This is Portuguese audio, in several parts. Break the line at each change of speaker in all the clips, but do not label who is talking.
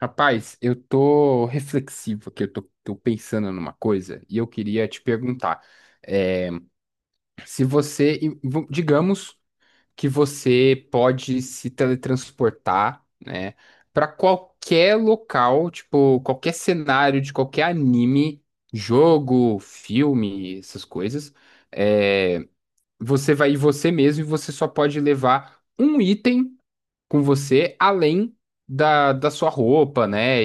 Rapaz, eu tô reflexivo aqui, eu tô pensando numa coisa e eu queria te perguntar, é, se você, digamos que você pode se teletransportar, né, para qualquer local, tipo, qualquer cenário de qualquer anime, jogo, filme, essas coisas, é, você vai ir você mesmo e você só pode levar um item com você, além da sua roupa, né?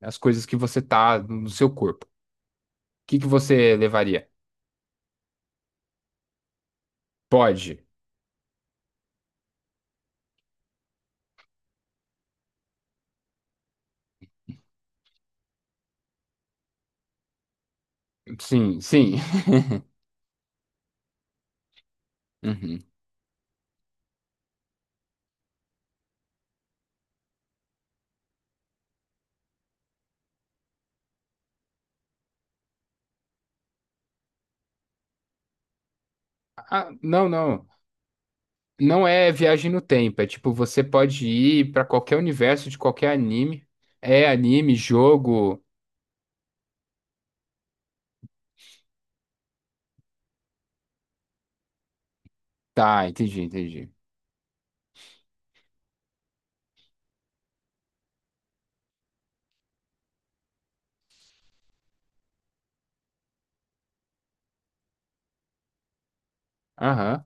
As coisas que você tá no seu corpo. O que que você levaria? Pode. Sim, sim. Uhum. Ah, não, não. Não é viagem no tempo. É tipo, você pode ir pra qualquer universo de qualquer anime. É anime, jogo. Tá, entendi, entendi. Aham.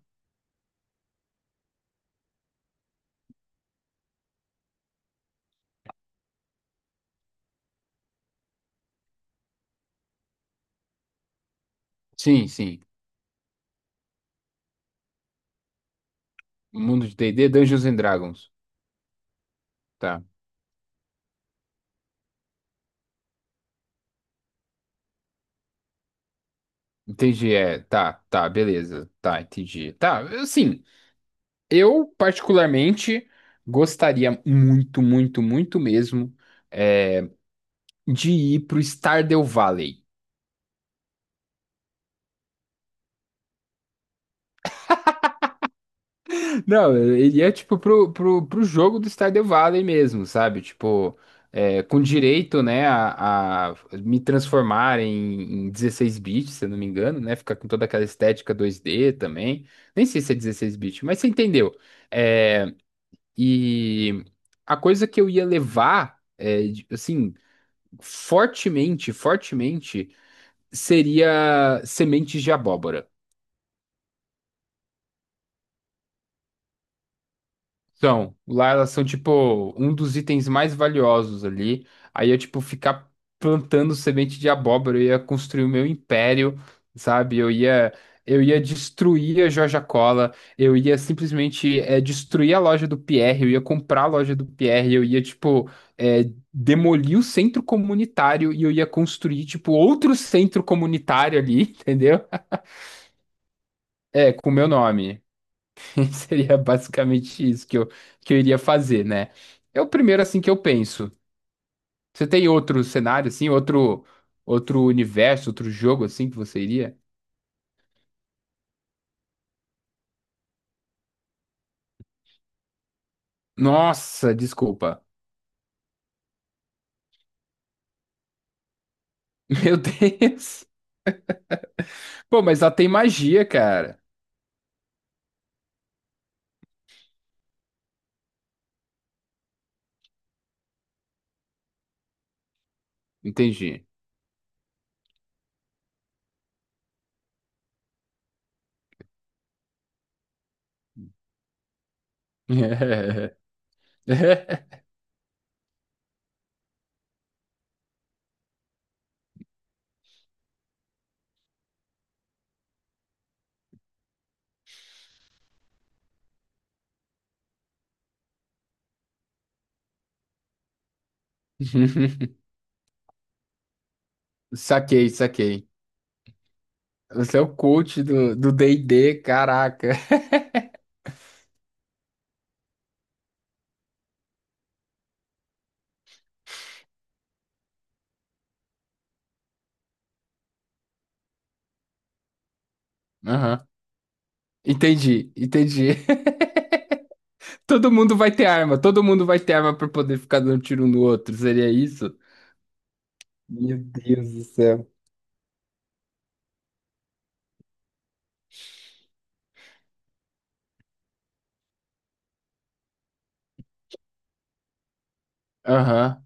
Sim, sim. Mundo de D&D, Dungeons and Dragons. Tá. Entendi, é. Tá, tá, beleza. Tá, entendi. Tá, assim, eu particularmente gostaria muito, muito, muito mesmo. eh, de ir pro Stardew Valley. Não, ele é tipo pro jogo do Stardew Valley mesmo, sabe? Tipo, é, com direito, né, a me transformar em 16 bits, se eu não me engano, né? Ficar com toda aquela estética 2D também. Nem sei se é 16 bits, mas você entendeu. É, e a coisa que eu ia levar, assim, fortemente, seria sementes de abóbora. São, lá elas são tipo um dos itens mais valiosos ali. Aí eu, tipo, ficar plantando semente de abóbora, eu ia construir o meu império, sabe? Eu ia destruir a Joja Cola, eu ia simplesmente destruir a loja do Pierre, eu ia comprar a loja do Pierre, eu ia, tipo, é demolir o centro comunitário e eu ia construir, tipo, outro centro comunitário ali, entendeu? É, com o meu nome. Seria basicamente isso que eu iria fazer, né? É o primeiro assim que eu penso. Você tem outro cenário assim, outro universo, outro jogo assim que você iria? Nossa, desculpa. Meu Deus. Pô, mas lá tem magia, cara. Entendi. Saquei, saquei. Você é o coach do D&D, caraca. Aham. Entendi, entendi. Todo mundo vai ter arma, todo mundo vai ter arma pra poder ficar dando tiro um no outro. Seria isso? Meu Deus do céu. Aham,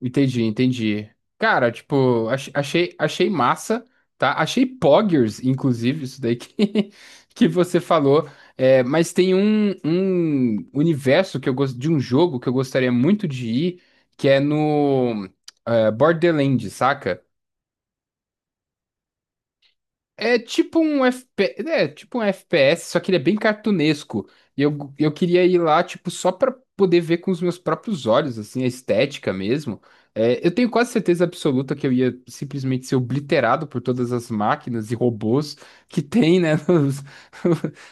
entendi, entendi. Cara, tipo, achei, achei massa, tá? Achei poggers, inclusive, isso daí que você falou. É, mas tem um universo que eu gosto de um jogo que eu gostaria muito de ir, que é no Borderlands, saca? É tipo um FP, é tipo um FPS, só que ele é bem cartunesco. Eu queria ir lá, tipo, só pra poder ver com os meus próprios olhos, assim, a estética mesmo. É, eu tenho quase certeza absoluta que eu ia simplesmente ser obliterado por todas as máquinas e robôs que tem, né?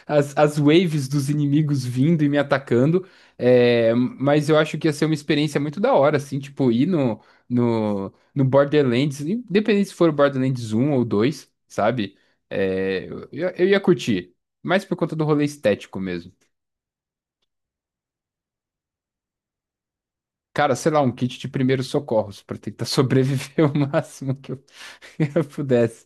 as waves dos inimigos vindo e me atacando. É, mas eu acho que ia ser uma experiência muito da hora, assim, tipo, ir no Borderlands, independente se for o Borderlands um ou 2, sabe? Eu ia curtir, mas por conta do rolê estético mesmo. Cara, sei lá, um kit de primeiros socorros pra tentar sobreviver o máximo que eu pudesse.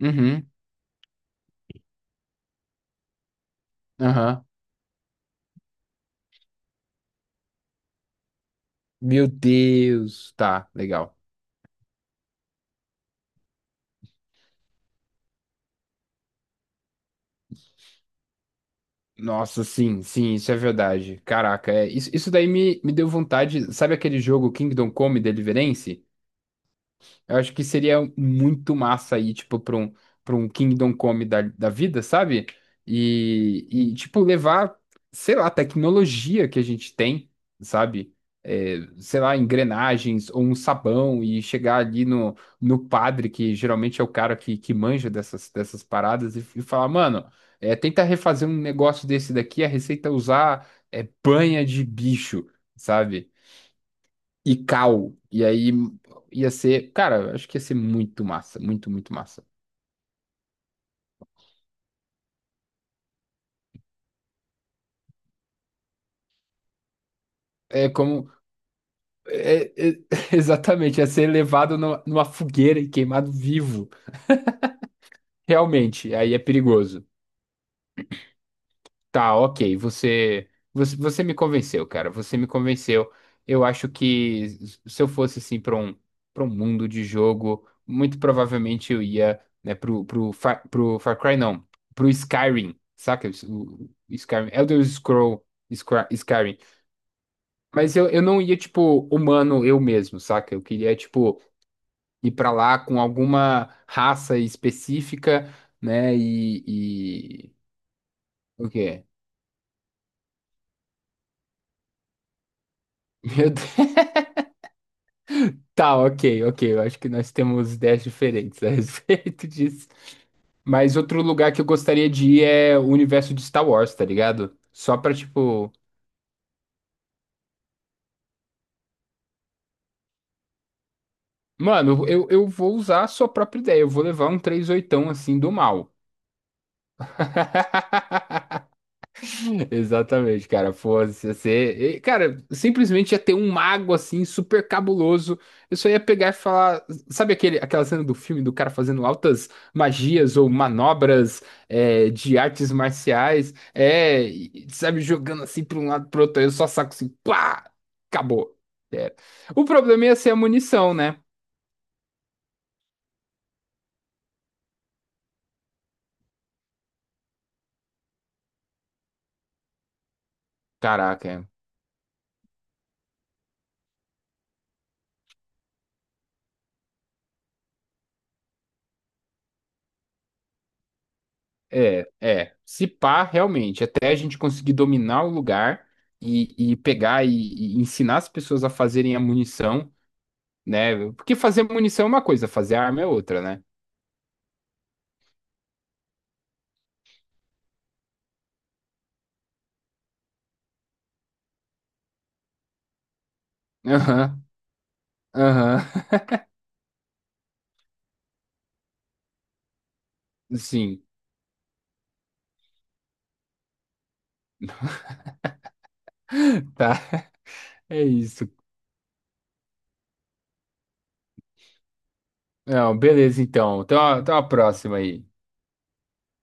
Uhum, aham. Meu Deus, tá, legal. Nossa, sim, sim, isso é verdade. Caraca, é, isso daí me deu vontade. Sabe aquele jogo Kingdom Come Deliverance? Eu acho que seria muito massa aí, tipo, pra pra um Kingdom Come da vida, sabe? E, tipo, levar, sei lá, a tecnologia que a gente tem, sabe? É, sei lá, engrenagens ou um sabão e chegar ali no padre, que geralmente é o cara que manja dessas paradas, e falar, mano, tenta refazer um negócio desse daqui, a receita é usar banha de bicho, sabe? E Cal. E aí ia ser, cara, acho que ia ser muito massa, muito, muito massa. É como. é- é- exatamente, ia ser levado no- numa fogueira e queimado vivo. Realmente, aí é perigoso. Tá, ok. Você me convenceu, cara. Você me convenceu. Eu acho que se eu fosse assim para para um mundo de jogo, muito provavelmente eu ia, né, pro Far Cry, não, pro Skyrim, saca? O Skyrim, Skyrim. Mas eu não ia, tipo, humano eu mesmo, saca? Eu queria, tipo, ir pra lá com alguma raça específica, né? E... O quê? Meu Deus. Tá, ok, ok. Eu acho que nós temos ideias diferentes a respeito disso. Mas outro lugar que eu gostaria de ir é o universo de Star Wars, tá ligado? Só pra, tipo. Mano, eu vou usar a sua própria ideia. Eu vou levar um três oitão assim do mal. Exatamente, cara. Fosse ser. E, cara, simplesmente ia ter um mago assim, super cabuloso. Eu só ia pegar e falar. Aquela cena do filme do cara fazendo altas magias ou manobras de artes marciais? É, e, sabe, jogando assim pra um lado pro outro. Aí eu só saco assim, pá! Acabou. Era. O problema ia ser a munição, né? Caraca. É. É, é. Se pá, realmente, até a gente conseguir dominar o lugar e pegar e ensinar as pessoas a fazerem a munição, né? Porque fazer munição é uma coisa, fazer arma é outra, né? Aham, aham. Sim, tá. É isso. Não, beleza, então. Então a próxima aí.